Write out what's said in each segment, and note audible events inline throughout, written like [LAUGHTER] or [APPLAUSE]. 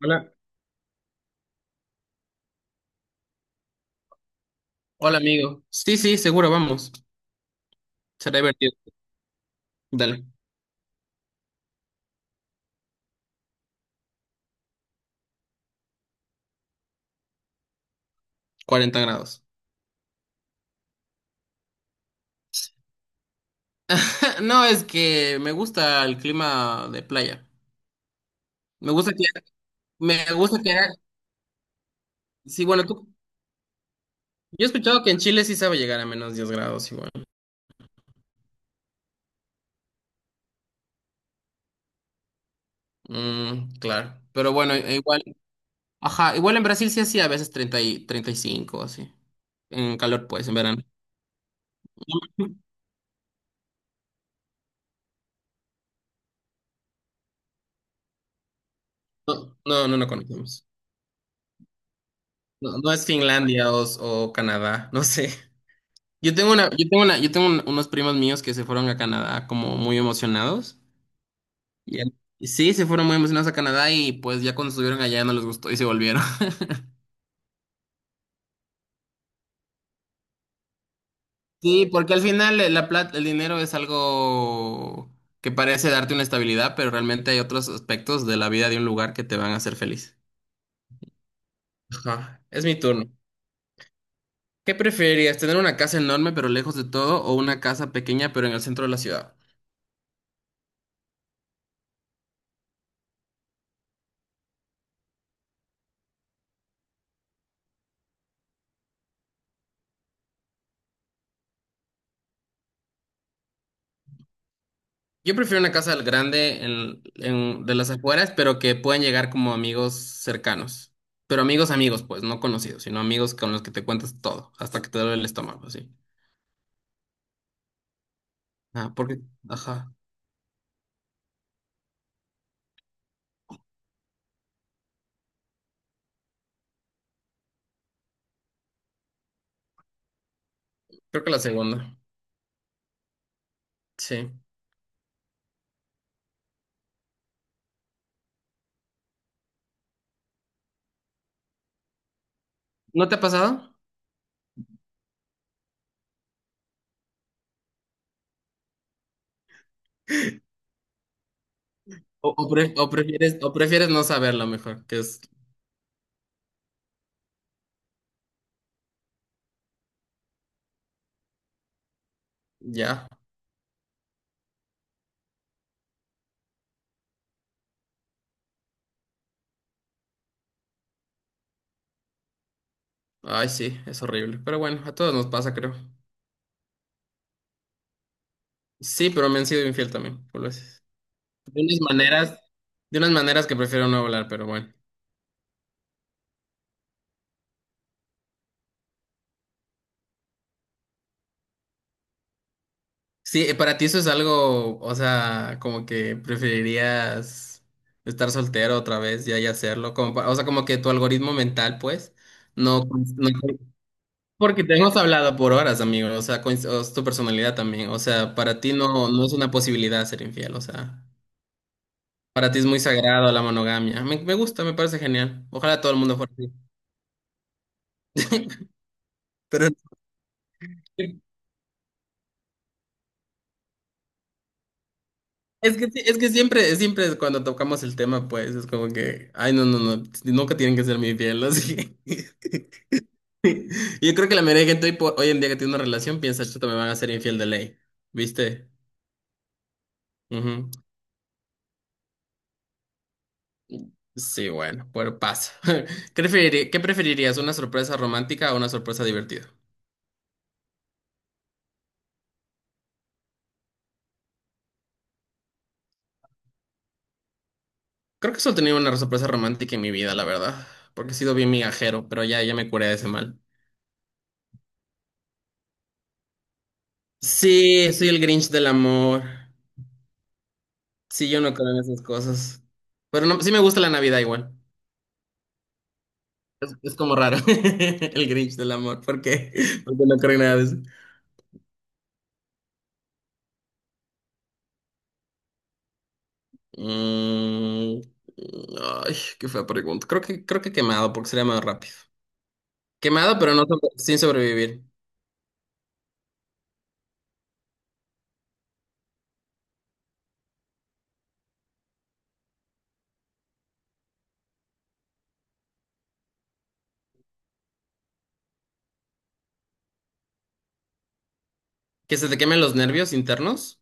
Hola. Hola, amigo. Sí, sí, seguro, vamos. Será divertido. Dale, 40 grados. [LAUGHS] No, es que me gusta el clima de playa. Me gusta que, me gusta que, sí, bueno, tú, yo he escuchado que en Chile sí sabe llegar a -10 grados igual. Mm, claro. Pero bueno, igual, ajá, igual en Brasil sí hacía a veces 30 y 35, así. En calor, pues, en verano. [LAUGHS] No, no, no, no conocemos. No, no es Finlandia o Canadá, no sé. Yo tengo una, yo tengo una, yo tengo un- unos primos míos que se fueron a Canadá como muy emocionados. Y al- y sí, se fueron muy emocionados a Canadá y pues ya cuando estuvieron allá no les gustó y se volvieron. [LAUGHS] Sí, porque al final la plata, el dinero es algo que parece darte una estabilidad, pero realmente hay otros aspectos de la vida de un lugar que te van a hacer feliz. Ajá, es mi turno. ¿Qué preferirías, tener una casa enorme pero lejos de todo o una casa pequeña pero en el centro de la ciudad? Yo prefiero una casa grande en, de las afueras, pero que puedan llegar como amigos cercanos. Pero amigos, amigos, pues, no conocidos, sino amigos con los que te cuentas todo, hasta que te duele el estómago, así. Ah, porque, ajá, creo que la segunda. Sí. ¿No te ha pasado? ¿O prefieres no saberlo mejor? Que es, ya. Ay, sí, es horrible. Pero bueno, a todos nos pasa, creo. Sí, pero me han sido infiel también, por veces. De unas maneras, de unas maneras que prefiero no hablar, pero bueno. Sí, para ti eso es algo, o sea, como que preferirías estar soltero otra vez ya y hacerlo, o sea, como que tu algoritmo mental, pues, no, cons- no- porque te hemos hablado por horas, amigo, o sea, o es tu personalidad también, o sea, para ti no es una posibilidad ser infiel, o sea, para ti es muy sagrado la monogamia, me gusta, me parece genial, ojalá todo el mundo fuera así, pero es que, es que siempre, cuando tocamos el tema, pues, es como que, ay, no, no, no, nunca tienen que ser mi fiel, así. [LAUGHS] Yo creo que la mayoría de gente hoy en día que tiene una relación piensa, chuta, me van a hacer infiel de ley. ¿Viste? Ujú. Sí, bueno, pero pasa. [LAUGHS] ¿Qué preferirías, una sorpresa romántica o una sorpresa divertida? Creo que solo he tenido una sorpresa romántica en mi vida, la verdad. Porque he sido bien migajero, pero ya, ya me curé de ese mal. Sí, soy el Grinch del amor. Sí, yo no creo en esas cosas. Pero no, sí me gusta la Navidad igual. Es como raro. [LAUGHS] El Grinch del amor. ¿Por qué? [LAUGHS] Porque no creo en nada de eso. Mm, ay, qué fea pregunta. Creo que quemado, porque sería más rápido. Quemado, pero sin sobrevivir. Que se te quemen los nervios internos.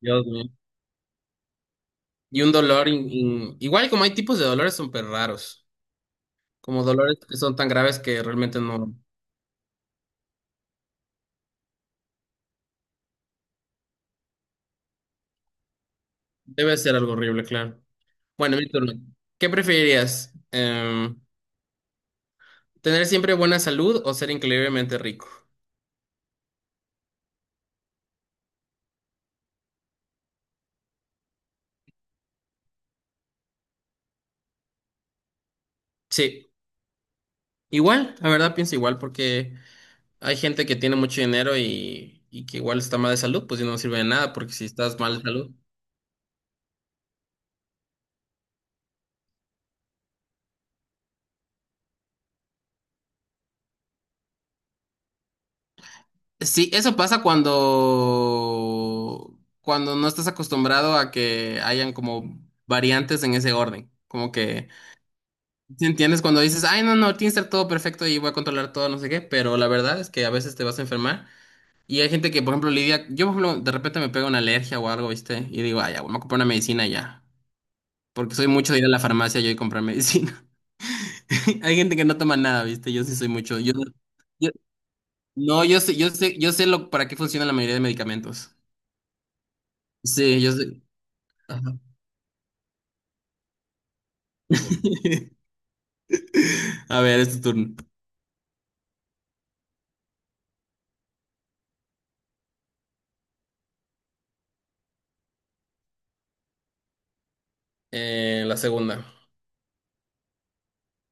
Dios mío. Y un dolor. Igual como hay tipos de dolores súper raros. Como dolores que son tan graves que realmente no. Debe ser algo horrible, claro. Bueno, mi turno. ¿Qué preferirías? ¿Tener siempre buena salud o ser increíblemente rico? Sí. Igual, la verdad pienso igual, porque hay gente que tiene mucho dinero y que igual está mal de salud, pues y no sirve de nada, porque si estás mal de salud... Sí, eso pasa cuando no estás acostumbrado a que hayan como variantes en ese orden. Como que, ¿sí entiendes? Cuando dices, ay, no, no, tiene que estar todo perfecto y voy a controlar todo, no sé qué, pero la verdad es que a veces te vas a enfermar. Y hay gente que, por ejemplo, lidia, yo, por ejemplo, de repente me pega una alergia o algo, ¿viste? Y digo, ay, ya, voy a comprar una medicina ya. Porque soy mucho de ir a la farmacia yo y comprar medicina. [LAUGHS] Hay gente que no toma nada, ¿viste? Yo sí soy mucho. Yo, no, yo- no, yo sé, yo sé, yo sé lo para qué funciona la mayoría de medicamentos. Sí, yo sé. Ajá. [LAUGHS] A ver, es tu turno. La segunda.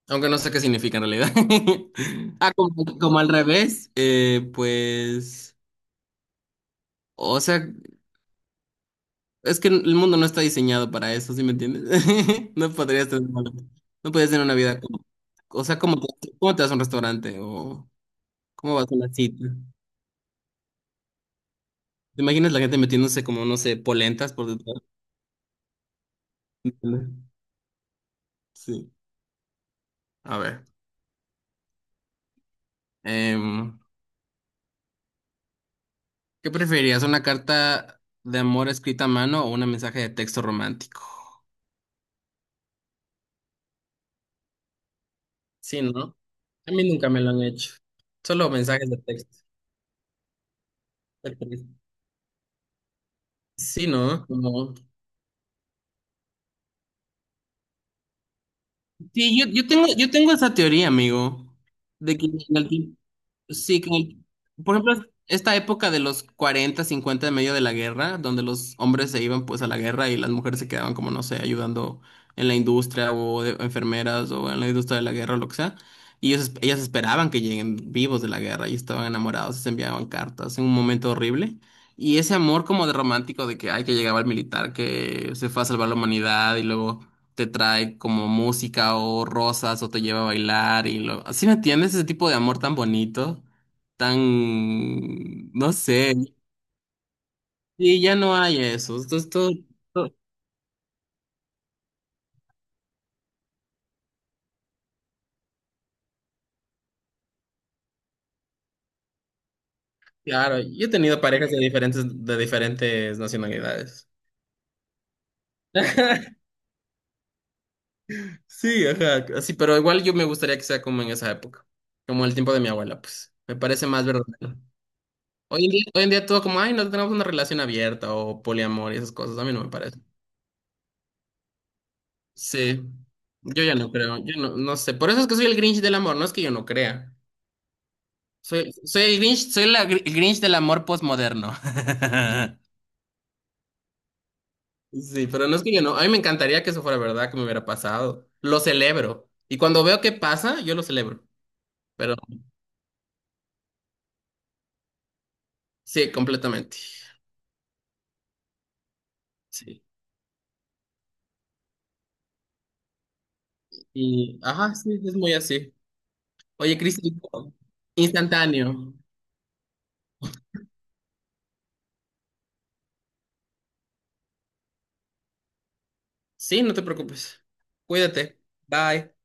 Aunque no sé qué significa en realidad. [LAUGHS] Ah, como, como al revés. Pues. O sea, es que el mundo no está diseñado para eso, ¿sí me entiendes? [LAUGHS] No podrías tener una vida como... O sea, ¿cómo te vas a un restaurante? O ¿cómo vas a una cita? ¿Te imaginas la gente metiéndose como, no sé, polentas por detrás? [LAUGHS] Sí. A ver. em, ¿Qué preferirías? ¿Una carta de amor escrita a mano o un mensaje de texto romántico? Sí, ¿no? A mí nunca me lo han hecho. Solo mensajes de texto. Qué triste. Sí, ¿no? Como... Sí, yo tengo esa teoría, amigo, de que en algún- sí, que, por ejemplo, esta época de los 40 50 en medio de la guerra, donde los hombres se iban pues a la guerra y las mujeres se quedaban como, no sé, ayudando en la industria enfermeras o en la industria de la guerra o lo que sea. Y ellos, ellas esperaban que lleguen vivos de la guerra y estaban enamorados, se enviaban cartas en un momento horrible. Y ese amor como de romántico de que, ay, que llegaba el militar, que se fue a salvar la humanidad y luego te trae como música o rosas o te lleva a bailar ¿Sí me entiendes? Ese tipo de amor tan bonito, tan, no sé. Y ya no hay eso. Esto es todo, todo- claro, yo he tenido parejas de diferentes nacionalidades. [LAUGHS] Sí, ajá, así, pero igual yo me gustaría que sea como en esa época, como el tiempo de mi abuela, pues, me parece más verdadero. Hoy en día, todo como, ay, no tenemos una relación abierta o poliamor y esas cosas, a mí no me parece. Sí, yo ya no creo, yo no, no sé, por eso es que soy el Grinch del amor, no es que yo no crea. Soy el Grinch, el Grinch del amor postmoderno. [LAUGHS] Sí, pero no es que yo no, a mí me encantaría que eso fuera verdad, que me hubiera pasado. Lo celebro. Y cuando veo que pasa, yo lo celebro. Pero sí, completamente. Sí. Y, ajá, sí, es muy así. Oye, Cristi, [LAUGHS] instantáneo. Sí, no te preocupes. Cuídate. Bye.